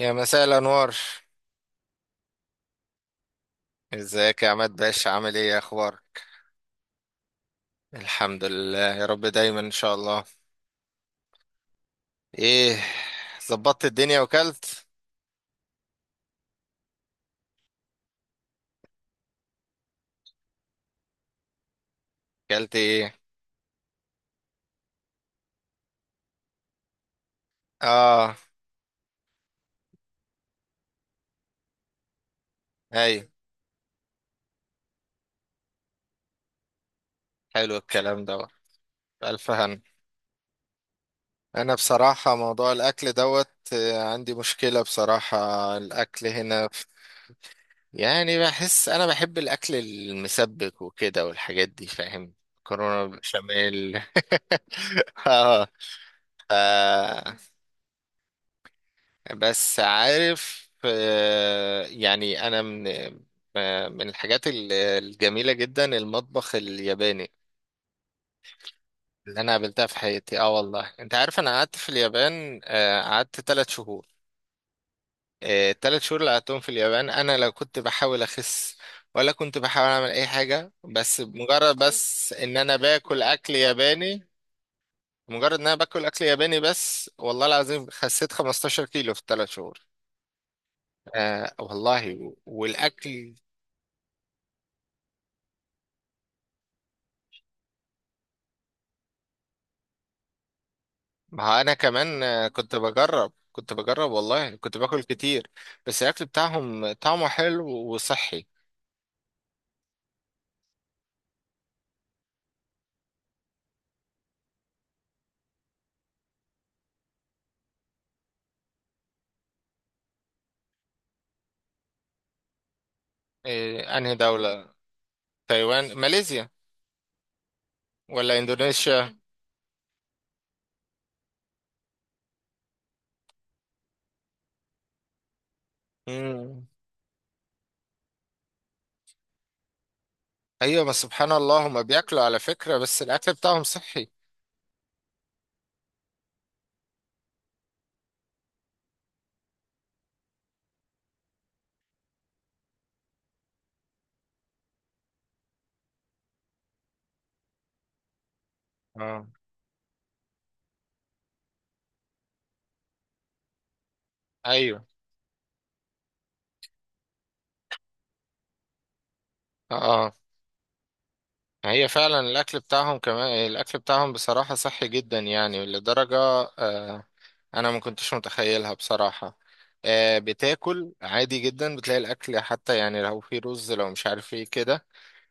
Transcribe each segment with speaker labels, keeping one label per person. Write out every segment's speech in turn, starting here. Speaker 1: يا مساء الأنوار. ازيك يا عماد باشا؟ عامل ايه؟ إيه اخبارك؟ الحمد لله يا رب دايما ان شاء الله. ايه، ظبطت الدنيا وكلت؟ كلت ايه؟ اه ايوه، حلو الكلام دوت. الف هن. انا بصراحة موضوع الاكل دوت عندي مشكلة بصراحة. الاكل هنا يعني بحس انا بحب الاكل المسبك وكده والحاجات دي، فاهم؟ كورونا بشاميل. اه بس عارف، آه، يعني انا من آه، من الحاجات الجميله جدا المطبخ الياباني اللي انا قابلتها في حياتي. اه والله انت عارف انا قعدت في اليابان، قعدت 3 شهور. ال3 شهور اللي قعدتهم في اليابان انا لا كنت بحاول اخس، ولا كنت بحاول اعمل اي حاجه، بس مجرد ان انا باكل اكل ياباني. مجرد ان انا باكل اكل ياباني بس، والله العظيم خسيت 15 كيلو في ال3 شهور. آه والله، والاكل، ما انا كمان كنت بجرب والله كنت باكل كتير، بس الاكل بتاعهم طعمه حلو وصحي. إيه انهي دولة؟ تايوان، ماليزيا ولا اندونيسيا؟ مم. ايوه بس سبحان الله هما بياكلوا، على فكرة بس الاكل بتاعهم صحي. اه ايوه اه، هي فعلا الأكل بتاعهم، كمان الأكل بتاعهم بصراحة صحي جدا يعني لدرجة، آه، أنا ما كنتش متخيلها بصراحة. بتاكل عادي جدا، بتلاقي الأكل حتى يعني لو في رز لو مش عارف ايه كده،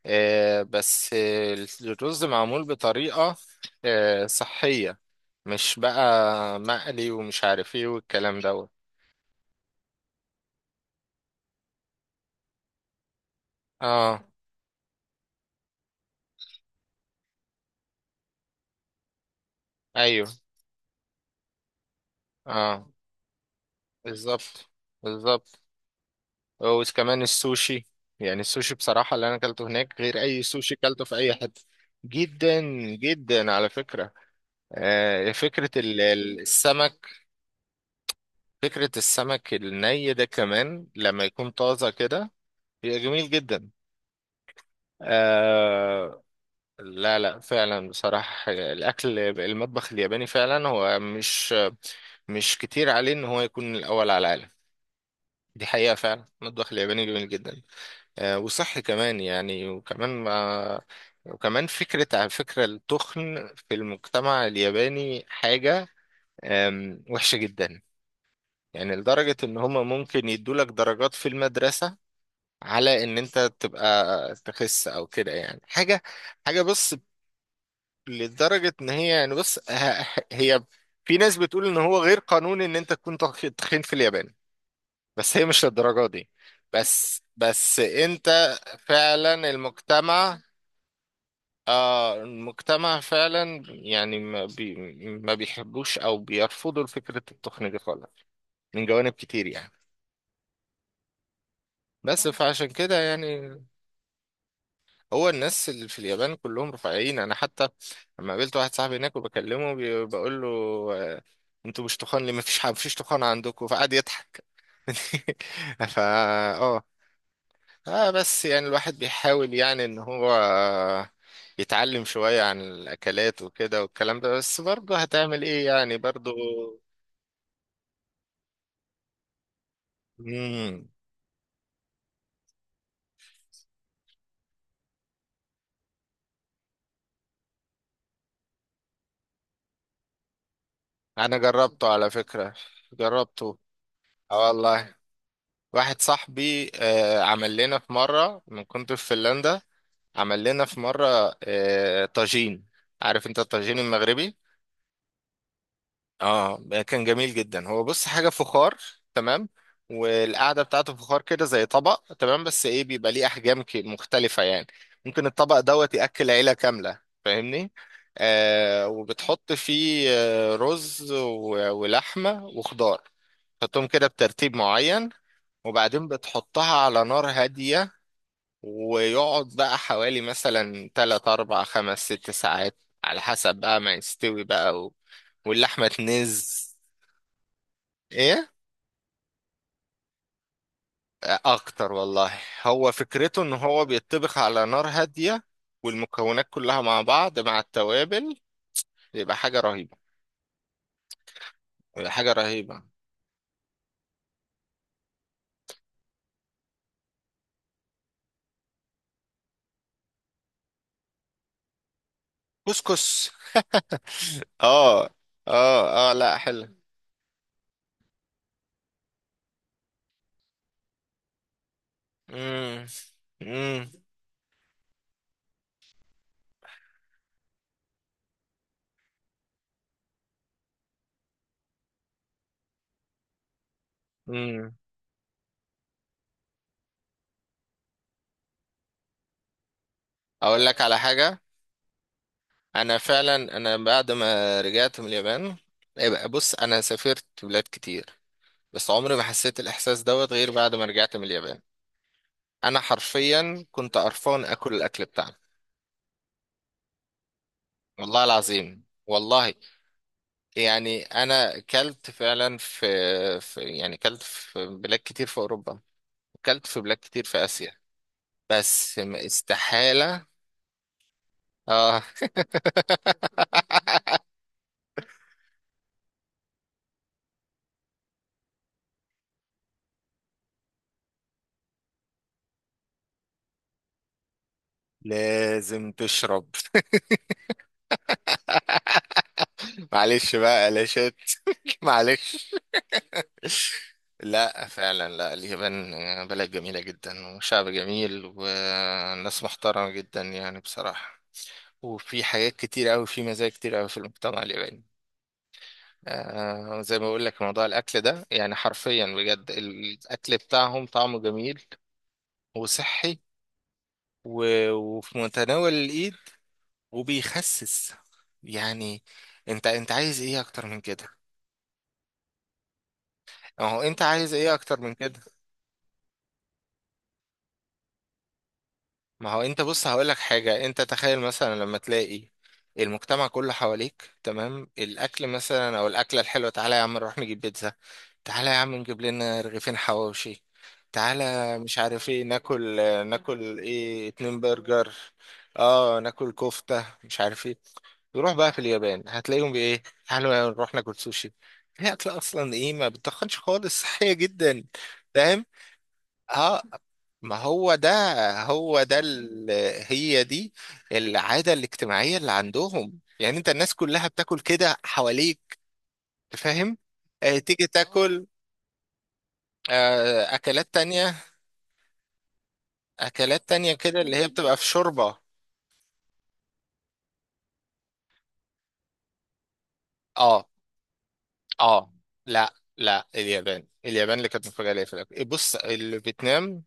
Speaker 1: آه، بس آه، الرز معمول بطريقة صحية، مش بقى مقلي ومش عارف ايه والكلام دوت. اه ايوه اه بالظبط بالظبط. وكمان السوشي، يعني السوشي بصراحة اللي أنا أكلته هناك غير أي سوشي أكلته في أي حتة. جدا جدا على فكرة. السمك، فكرة السمك الني ده كمان لما يكون طازة كده بيبقى جميل جدا. آه، لا لا فعلا بصراحة الأكل، المطبخ الياباني فعلا هو مش مش كتير عليه إن هو يكون الأول على العالم. دي حقيقة، فعلا المطبخ الياباني جميل جدا. وصحي كمان يعني، وكمان مع، وكمان فكرة، على فكرة التخن في المجتمع الياباني حاجة وحشة جدا. يعني لدرجة إن هما ممكن يدولك درجات في المدرسة على إن أنت تبقى تخس أو كده، يعني حاجة حاجة بص، لدرجة إن هي هي في ناس بتقول إن هو غير قانوني إن أنت تكون تخين في اليابان، بس هي مش للدرجة دي. بس أنت فعلا المجتمع، آه المجتمع فعلا يعني ما بيحبوش او بيرفضوا فكرة التقنية دي خالص، من جوانب كتير يعني. بس فعشان كده يعني هو الناس اللي في اليابان كلهم رفيعين. انا حتى لما قابلت واحد صاحبي هناك وبكلمه بقول له آه، انتوا مش تخان ليه؟ ما فيش ما فيش تخان عندكم، فقعد يضحك. فا، اه اه، بس يعني الواحد بيحاول يعني ان هو يتعلم شوية عن الاكلات وكده والكلام ده، بس برضه هتعمل ايه يعني برضه. مم. انا جربته على فكرة، جربته. اه والله، واحد صاحبي آه عمل لنا في مرة، من كنت في فنلندا عمل لنا في مرة آه طاجين. عارف انت الطاجين المغربي؟ اه كان جميل جدا. هو بص حاجه فخار، تمام؟ والقعده بتاعته فخار كده زي طبق تمام، بس ايه بيبقى ليه احجام مختلفه يعني. ممكن الطبق دوت ياكل عيله كامله، فاهمني؟ آه وبتحط فيه رز ولحمه وخضار، تحطهم كده بترتيب معين، وبعدين بتحطها على نار هاديه، ويقعد بقى حوالي مثلا 3 4 5 6 ساعات على حسب بقى ما يستوي بقى و... واللحمة تنز. ايه؟ اكتر والله. هو فكرته ان هو بيتطبخ على نار هادية، والمكونات كلها مع بعض مع التوابل، بيبقى حاجة رهيبة. بيبقى حاجة رهيبة. كسكس. اه اه اه لا حلو. امم امم امم. اقول لك على حاجة، انا فعلا انا بعد ما رجعت من اليابان، يبقى بص، انا سافرت بلاد كتير بس عمري ما حسيت الاحساس دوت غير بعد ما رجعت من اليابان. انا حرفيا كنت قرفان اكل الاكل بتاعنا. والله العظيم، والله يعني انا كلت فعلا في يعني كلت في بلاد كتير في اوروبا، كلت في بلاد كتير في اسيا، بس استحالة. اه لازم تشرب. معلش بقى قلاشات. معلش. لا فعلا، لا اليابان بلد جميلة جدا، وشعب جميل وناس محترمة جدا يعني بصراحة، وفي حاجات كتير أوي، في مزايا كتير أوي في المجتمع الياباني. آه زي ما بقول لك موضوع الاكل ده يعني حرفيا بجد، الاكل بتاعهم طعمه جميل وصحي وفي متناول الايد، وبيخسس يعني. انت انت عايز ايه اكتر من كده؟ ما هو انت عايز ايه اكتر من كده؟ ما هو انت بص هقول لك حاجة. انت تخيل مثلا لما تلاقي المجتمع كله حواليك تمام؟ الاكل مثلا او الاكلة الحلوة: تعالى يا عم نروح نجيب بيتزا، تعالى يا عم نجيب لنا رغيفين حواوشي، تعالى مش عارف ايه. ناكل، ناكل ايه؟ 2 برجر، اه ناكل كفتة مش عارف ايه. نروح بقى في اليابان هتلاقيهم بايه؟ تعالوا يا نروح ناكل سوشي. هي اكلة اصلا ايه؟ ما بتخنش خالص صحية جدا. فاهم؟ اه ما هو ده، هو ده هي دي العادة الاجتماعية اللي عندهم. يعني انت الناس كلها بتاكل كده حواليك، فاهم؟ تيجي تاكل اكلات تانية، اكلات تانية كده اللي هي بتبقى في شوربة. اه اه لا لا، اليابان، اليابان اللي كانت مفاجأة ليا في الاكل. إيه، بص فيتنام،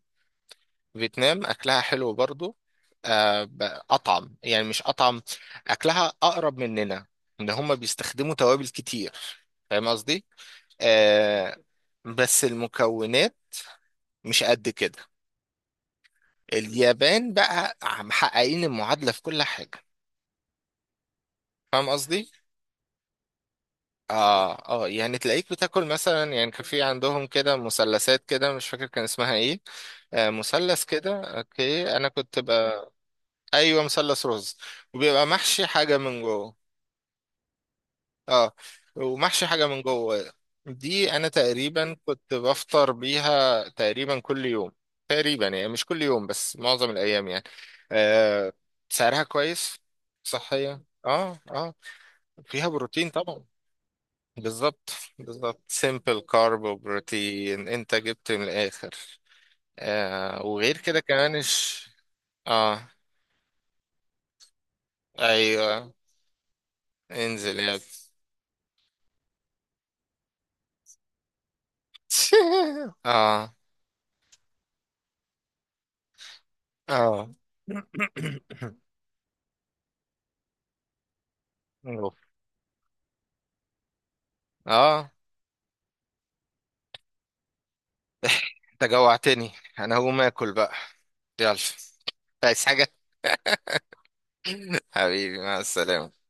Speaker 1: فيتنام اكلها حلو برضو. آه، ب- اطعم يعني، مش اطعم، اكلها اقرب مننا، ان هم بيستخدموا توابل كتير، فاهم قصدي؟ آه بس المكونات مش قد كده. اليابان بقى محققين المعادلة في كل حاجة، فاهم قصدي؟ اه اه يعني تلاقيك بتاكل مثلا، يعني كان في عندهم كده مثلثات كده مش فاكر كان اسمها ايه، آه مثلث كده اوكي انا كنت بقى ايوه مثلث رز، وبيبقى محشي حاجه من جوه. اه ومحشي حاجه من جوه. دي انا تقريبا كنت بفطر بيها تقريبا كل يوم، تقريبا يعني مش كل يوم بس معظم الايام يعني. آه سعرها كويس. صحيه اه اه، فيها بروتين طبعا. بالظبط. بالظبط سيمبل كارب وبروتين، انت جبت من الاخر. آه وغير كده كمان اش. اه ايوه انزل يا ابني. اه اه. أوف. اه انت جوعتني، انا هقوم اكل بقى. يلا، عايز حاجة؟ حبيبي مع السلامة.